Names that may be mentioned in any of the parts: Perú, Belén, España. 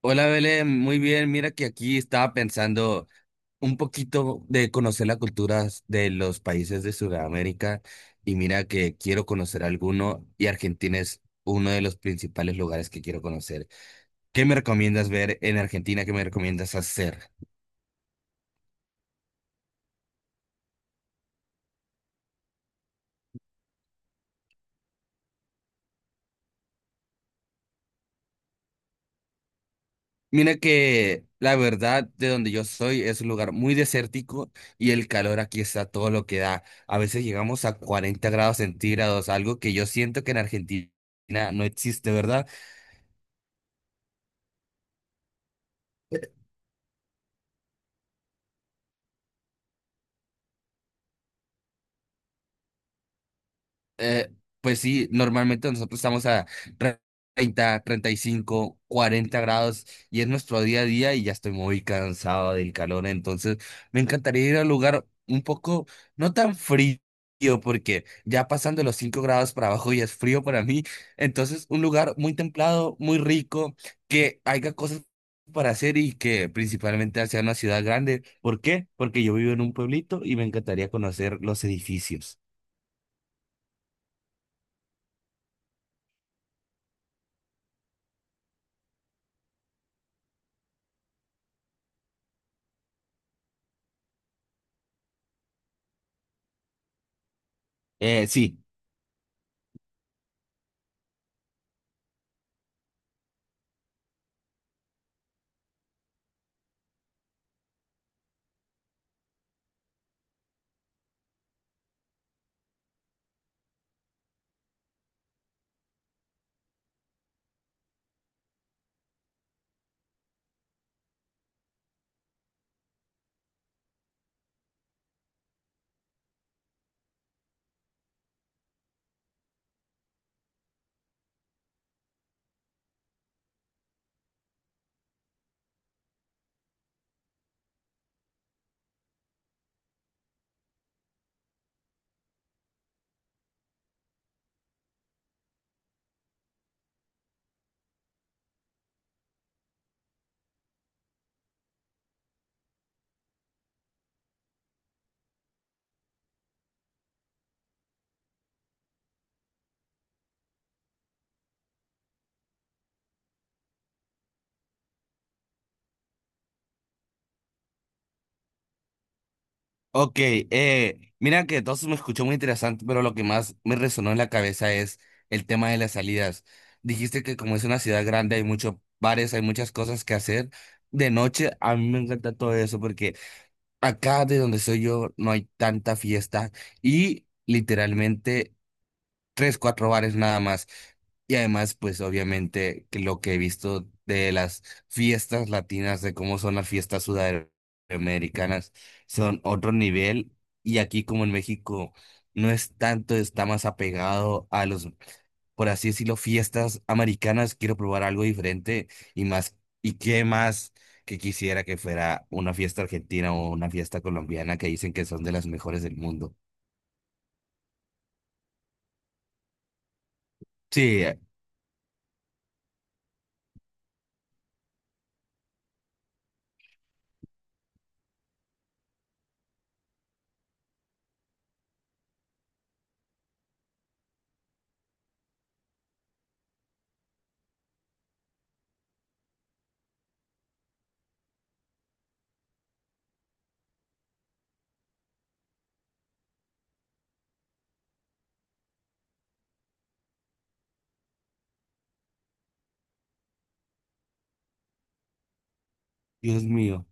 Hola Belén, muy bien. Mira que aquí estaba pensando un poquito de conocer las culturas de los países de Sudamérica y mira que quiero conocer alguno y Argentina es uno de los principales lugares que quiero conocer. ¿Qué me recomiendas ver en Argentina? ¿Qué me recomiendas hacer? Mira que la verdad de donde yo soy es un lugar muy desértico y el calor aquí está todo lo que da. A veces llegamos a 40 grados centígrados, algo que yo siento que en Argentina no existe, ¿verdad? Eh, pues sí, normalmente nosotros estamos a tre- 30, 35, 40 grados y es nuestro día a día y ya estoy muy cansado del calor, entonces me encantaría ir a un lugar un poco no tan frío porque ya pasando los 5 grados para abajo ya es frío para mí, entonces un lugar muy templado, muy rico, que haya cosas para hacer y que principalmente sea una ciudad grande. ¿Por qué? Porque yo vivo en un pueblito y me encantaría conocer los edificios. Sí. Ok, mira que todo eso me escuchó muy interesante, pero lo que más me resonó en la cabeza es el tema de las salidas. Dijiste que como es una ciudad grande hay muchos bares, hay muchas cosas que hacer. De noche a mí me encanta todo eso porque acá de donde soy yo no hay tanta fiesta y literalmente tres, cuatro bares nada más. Y además, pues obviamente que lo que he visto de las fiestas latinas, de cómo son las fiestas sudamericanas, son otro nivel. Y aquí como en México no es tanto, está más apegado a los, por así decirlo, fiestas americanas. Quiero probar algo diferente y más, y qué más que quisiera que fuera una fiesta argentina o una fiesta colombiana que dicen que son de las mejores del mundo. Sí, Dios mío.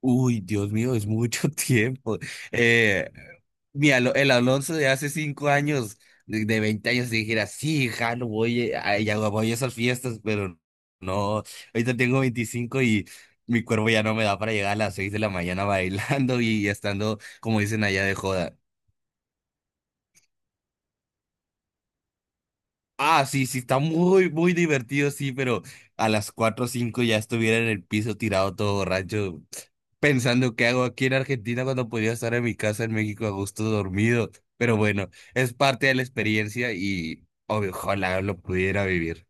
Uy, Dios mío, es mucho tiempo. Eh, el Alonso de hace cinco años, de 20 años, si dijera, sí, ja, no voy a, ya voy a esas fiestas, pero no, ahorita tengo 25 y mi cuerpo ya no me da para llegar a las 6 de la mañana bailando y estando, como dicen allá, de joda. Ah, sí, sí, está muy, muy divertido, sí, pero a las 4 o 5 ya estuviera en el piso tirado todo borracho, pensando qué hago aquí en Argentina cuando podía estar en mi casa en México a gusto dormido. Pero bueno, es parte de la experiencia y obvio, ojalá lo pudiera vivir.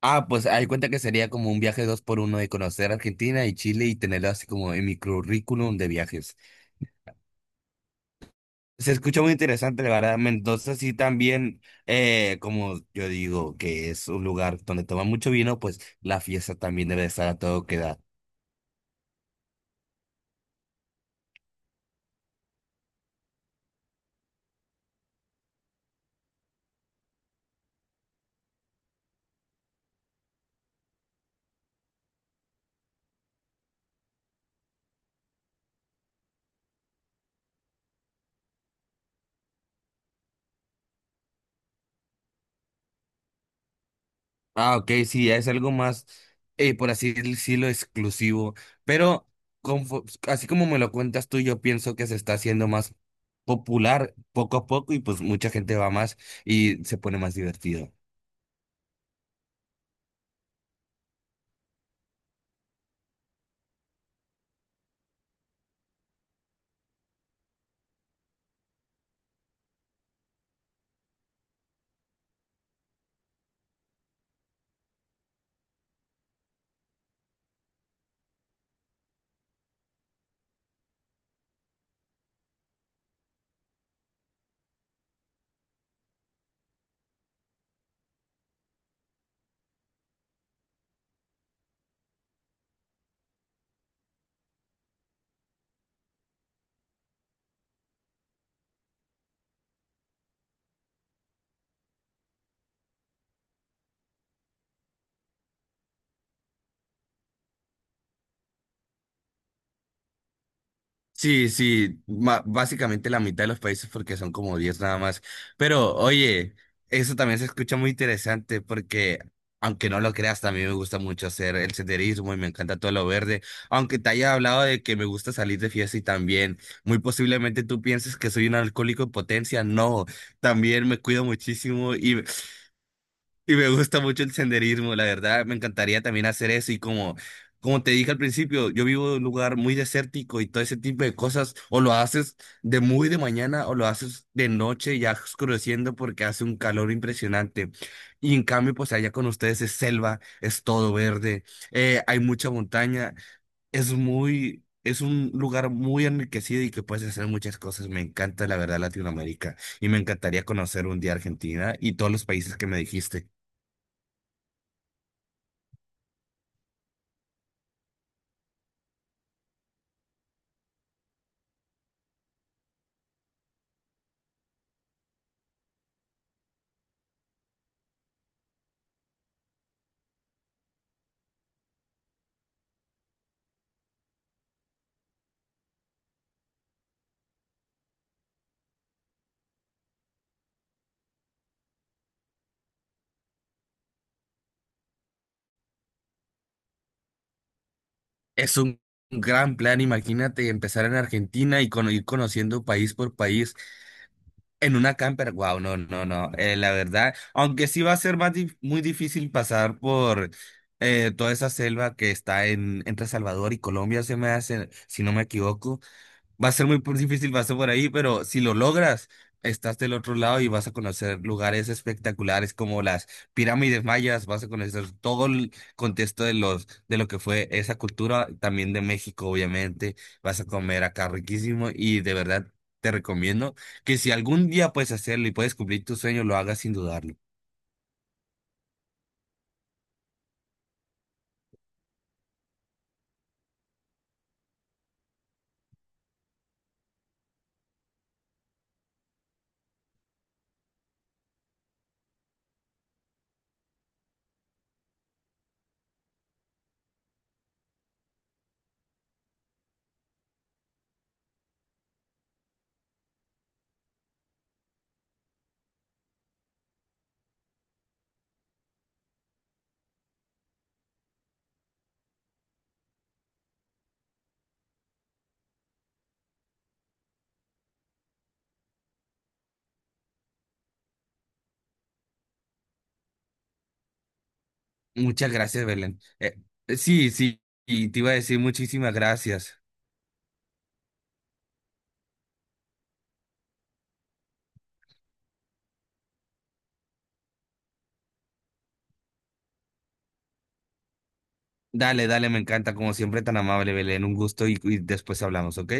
Ah, pues hay cuenta que sería como un viaje dos por uno de conocer Argentina y Chile y tenerlo así como en mi currículum de viajes. Se escucha muy interesante, la verdad. Mendoza sí también, como yo digo, que es un lugar donde toma mucho vino, pues la fiesta también debe estar a todo que da. Ah, ok, sí, es algo más, por así decirlo, exclusivo. Pero así como me lo cuentas tú, yo pienso que se está haciendo más popular poco a poco y pues mucha gente va más y se pone más divertido. Sí, sí, básicamente la mitad de los países porque son como 10 nada más. Pero oye, eso también se escucha muy interesante porque, aunque no lo creas, también me gusta mucho hacer el senderismo y me encanta todo lo verde. Aunque te haya hablado de que me gusta salir de fiesta y también, muy posiblemente tú pienses que soy un alcohólico en potencia. No, también me cuido muchísimo y me gusta mucho el senderismo, la verdad, me encantaría también hacer eso y como, como te dije al principio, yo vivo en un lugar muy desértico y todo ese tipo de cosas, o lo haces de muy de mañana o lo haces de noche ya oscureciendo porque hace un calor impresionante. Y en cambio, pues allá con ustedes es selva, es todo verde, hay mucha montaña, es muy, es un lugar muy enriquecido y que puedes hacer muchas cosas. Me encanta, la verdad, Latinoamérica y me encantaría conocer un día Argentina y todos los países que me dijiste. Es un gran plan, imagínate empezar en Argentina y ir conociendo país por país en una camper. Wow, no, no, no. La verdad, aunque sí va a ser muy difícil pasar por toda esa selva que está en, entre Salvador y Colombia, se me hace, si no me equivoco. Va a ser difícil, va a ser por ahí, pero si lo logras, estás del otro lado y vas a conocer lugares espectaculares como las pirámides mayas, vas a conocer todo el contexto de los, de lo que fue esa cultura, también de México, obviamente, vas a comer acá riquísimo y de verdad te recomiendo que si algún día puedes hacerlo y puedes cumplir tu sueño, lo hagas sin dudarlo. Muchas gracias, Belén. Sí, sí, y te iba a decir muchísimas gracias. Dale, dale, me encanta, como siempre, tan amable, Belén. Un gusto y después hablamos, ¿ok?